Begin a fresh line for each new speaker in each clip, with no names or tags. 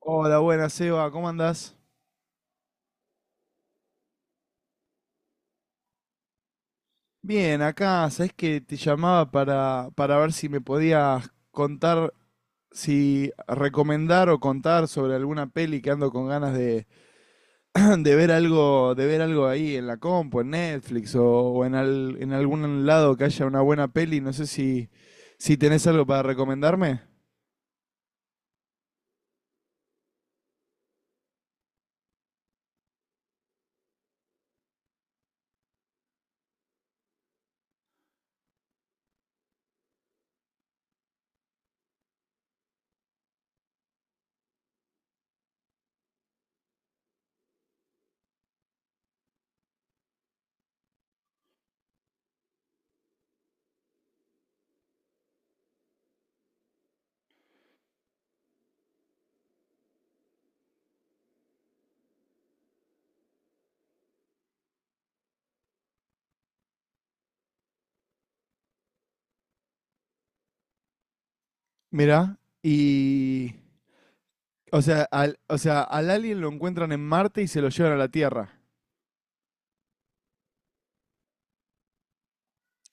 Hola, buenas, Seba, ¿cómo andás? Bien, acá, sabés que te llamaba para ver si me podías contar, si recomendar o contar sobre alguna peli que ando con ganas de ver algo ahí en la compu, en Netflix o en en algún lado que haya una buena peli. No sé si tenés algo para recomendarme. Mirá, y... O sea, o sea, al alien lo encuentran en Marte y se lo llevan a la Tierra.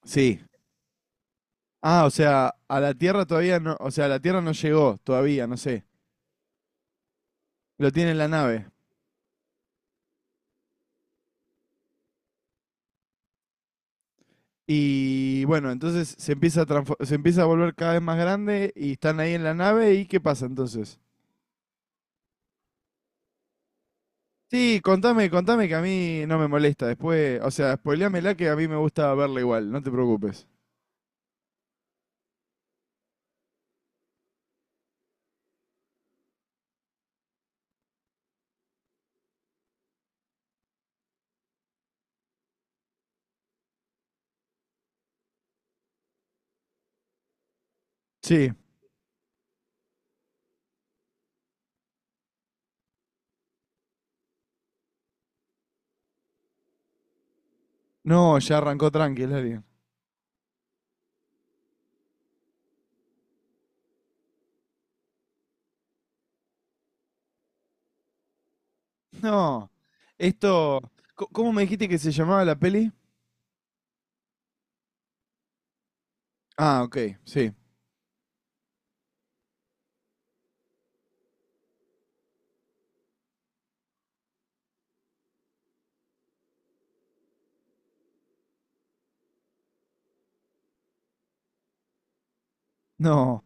Sí. Ah, o sea, a la Tierra todavía no, o sea, la Tierra no llegó todavía, no sé. Lo tiene en la nave. Y bueno, entonces se empieza a volver cada vez más grande y están ahí en la nave, y ¿qué pasa entonces? Sí, contame, contame que a mí no me molesta. Después, o sea, spoileámela que a mí me gusta verla igual, no te preocupes. Sí. No, ya arrancó tranqui el alien. No. Esto, ¿cómo me dijiste que se llamaba la peli? Ah, ok, sí. No.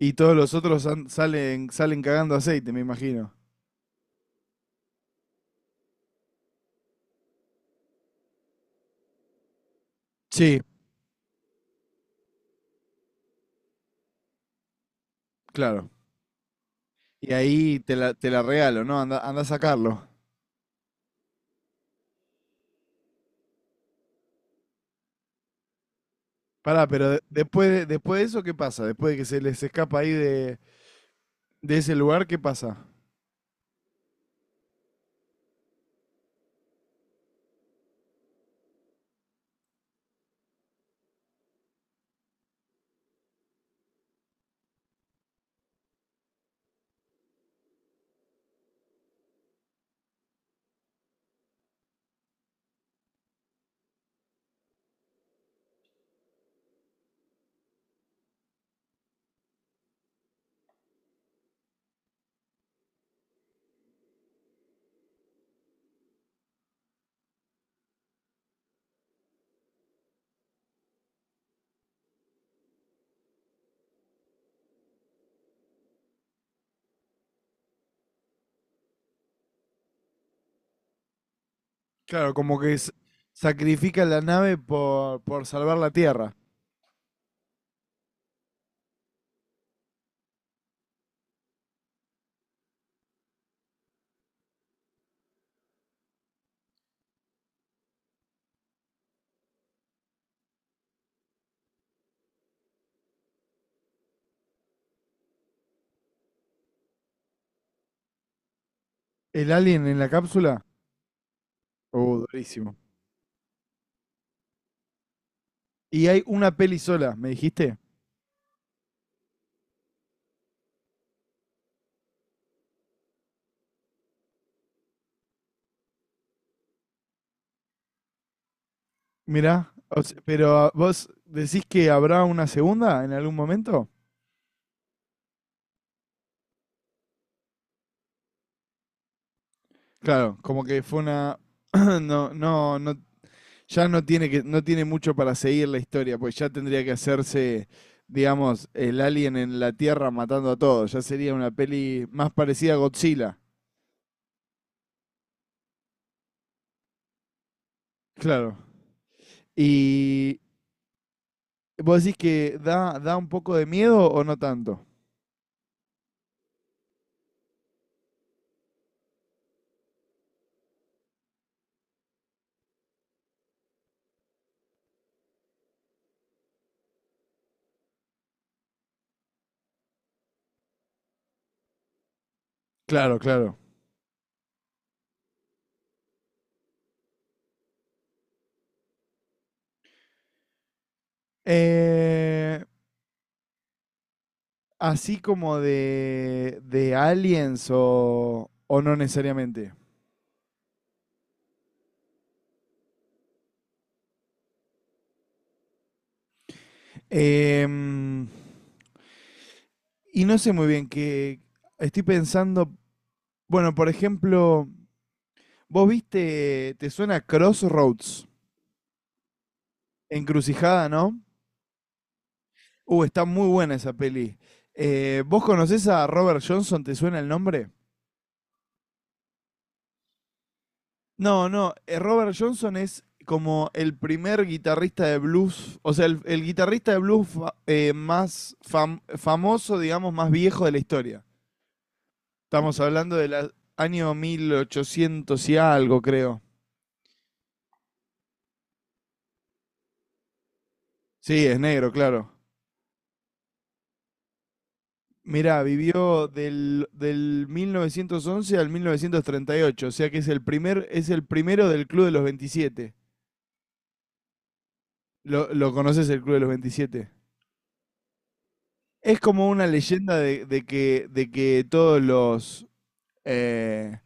Y todos los otros salen, salen cagando aceite, me imagino. Sí. Claro. Y ahí te la regalo, ¿no? Anda, anda a sacarlo. Pará, pero después de eso, ¿qué pasa? Después de que se les escapa ahí de ese lugar, ¿qué pasa? Claro, como que sacrifican la nave por salvar la Tierra. ¿El alien en la cápsula? Oh, durísimo. Y hay una peli sola, ¿me dijiste? Mirá, o se- pero ah, vos decís que habrá una segunda en algún momento. Claro, como que fue una. No, no, no. Ya no tiene que, no tiene mucho para seguir la historia, pues ya tendría que hacerse, digamos, el alien en la Tierra matando a todos. Ya sería una peli más parecida a Godzilla. Claro. Y vos decís que da, da un poco de miedo o no tanto. Claro, claro. Eh, así como de aliens o no necesariamente. Em, Y no sé muy bien qué. Estoy pensando. Bueno, por ejemplo, vos viste. Te suena Crossroads. Encrucijada, ¿no? Está muy buena esa peli. ¿Vos conocés a Robert Johnson? ¿Te suena el nombre? No, no. Robert Johnson es como el primer guitarrista de blues. O sea, el guitarrista de blues más famoso, digamos, más viejo de la historia. Estamos hablando del año 1800 y algo, creo. Sí, es negro, claro. Mirá, vivió del 1911 al 1938, o sea que es el es el primero del Club de los 27. ¿Lo conoces el Club de los 27? Es como una leyenda de que de que todos los eh,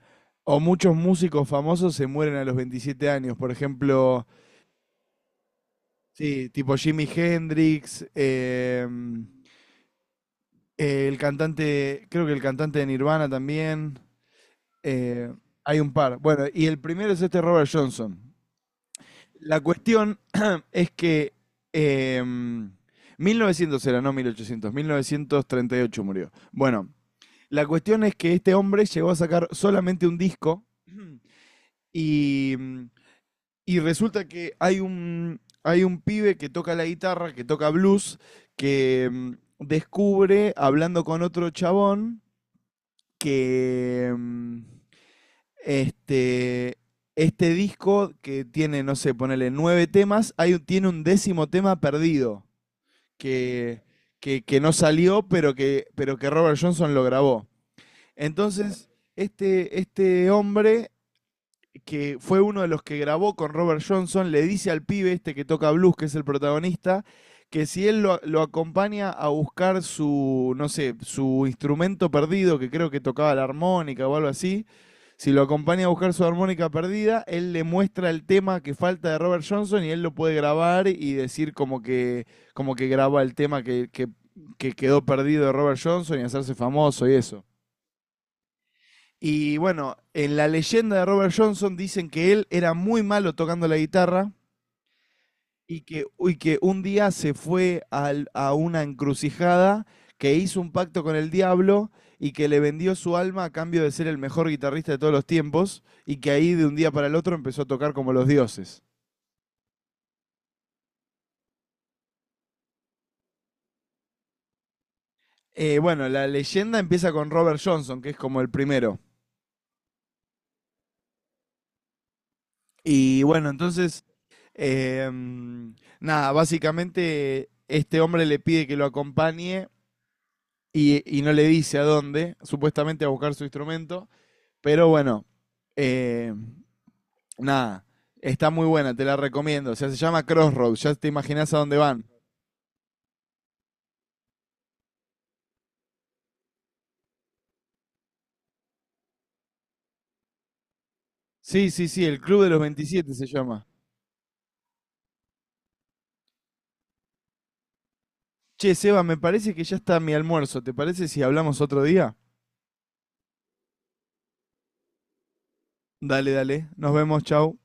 o muchos músicos famosos se mueren a los 27 años. Por ejemplo, sí, tipo Jimi Hendrix, el cantante, creo que el cantante de Nirvana también. Eh, hay un par. Bueno, y el primero es este Robert Johnson. La cuestión es que eh, 1900 era, no 1800, 1938 murió. Bueno, la cuestión es que este hombre llegó a sacar solamente un disco, y, y resulta que hay un pibe que toca la guitarra, que toca blues, que descubre, hablando con otro chabón, que este este, disco que tiene, no sé, ponele nueve temas, tiene un décimo tema perdido que, que no salió, pero pero que Robert Johnson lo grabó. Entonces, este hombre que fue uno de los que grabó con Robert Johnson le dice al pibe este que toca blues, que es el protagonista, que si él lo acompaña a buscar su, no sé, su instrumento perdido, que creo que tocaba la armónica o algo así, si lo acompaña a buscar su armónica perdida, él le muestra el tema que falta de Robert Johnson y él lo puede grabar y decir como que graba el tema que quedó perdido de Robert Johnson y hacerse famoso y eso. Y bueno, en la leyenda de Robert Johnson dicen que él era muy malo tocando la guitarra y que, uy, que un día se fue a una encrucijada, que hizo un pacto con el diablo y que le vendió su alma a cambio de ser el mejor guitarrista de todos los tiempos, y que ahí de un día para el otro empezó a tocar como los dioses. Bueno, la leyenda empieza con Robert Johnson, que es como el primero. Y bueno, entonces, em, nada, básicamente este hombre le pide que lo acompañe y no le dice a dónde, supuestamente a buscar su instrumento. Pero bueno, eh, nada, está muy buena, te la recomiendo. O sea, se llama Crossroads, ya te imaginás a dónde van. Sí, sí, sí, el Club de los 27 se llama. Che, Seba, me parece que ya está mi almuerzo. ¿Te parece si hablamos otro día? Dale, dale. Nos vemos, chau.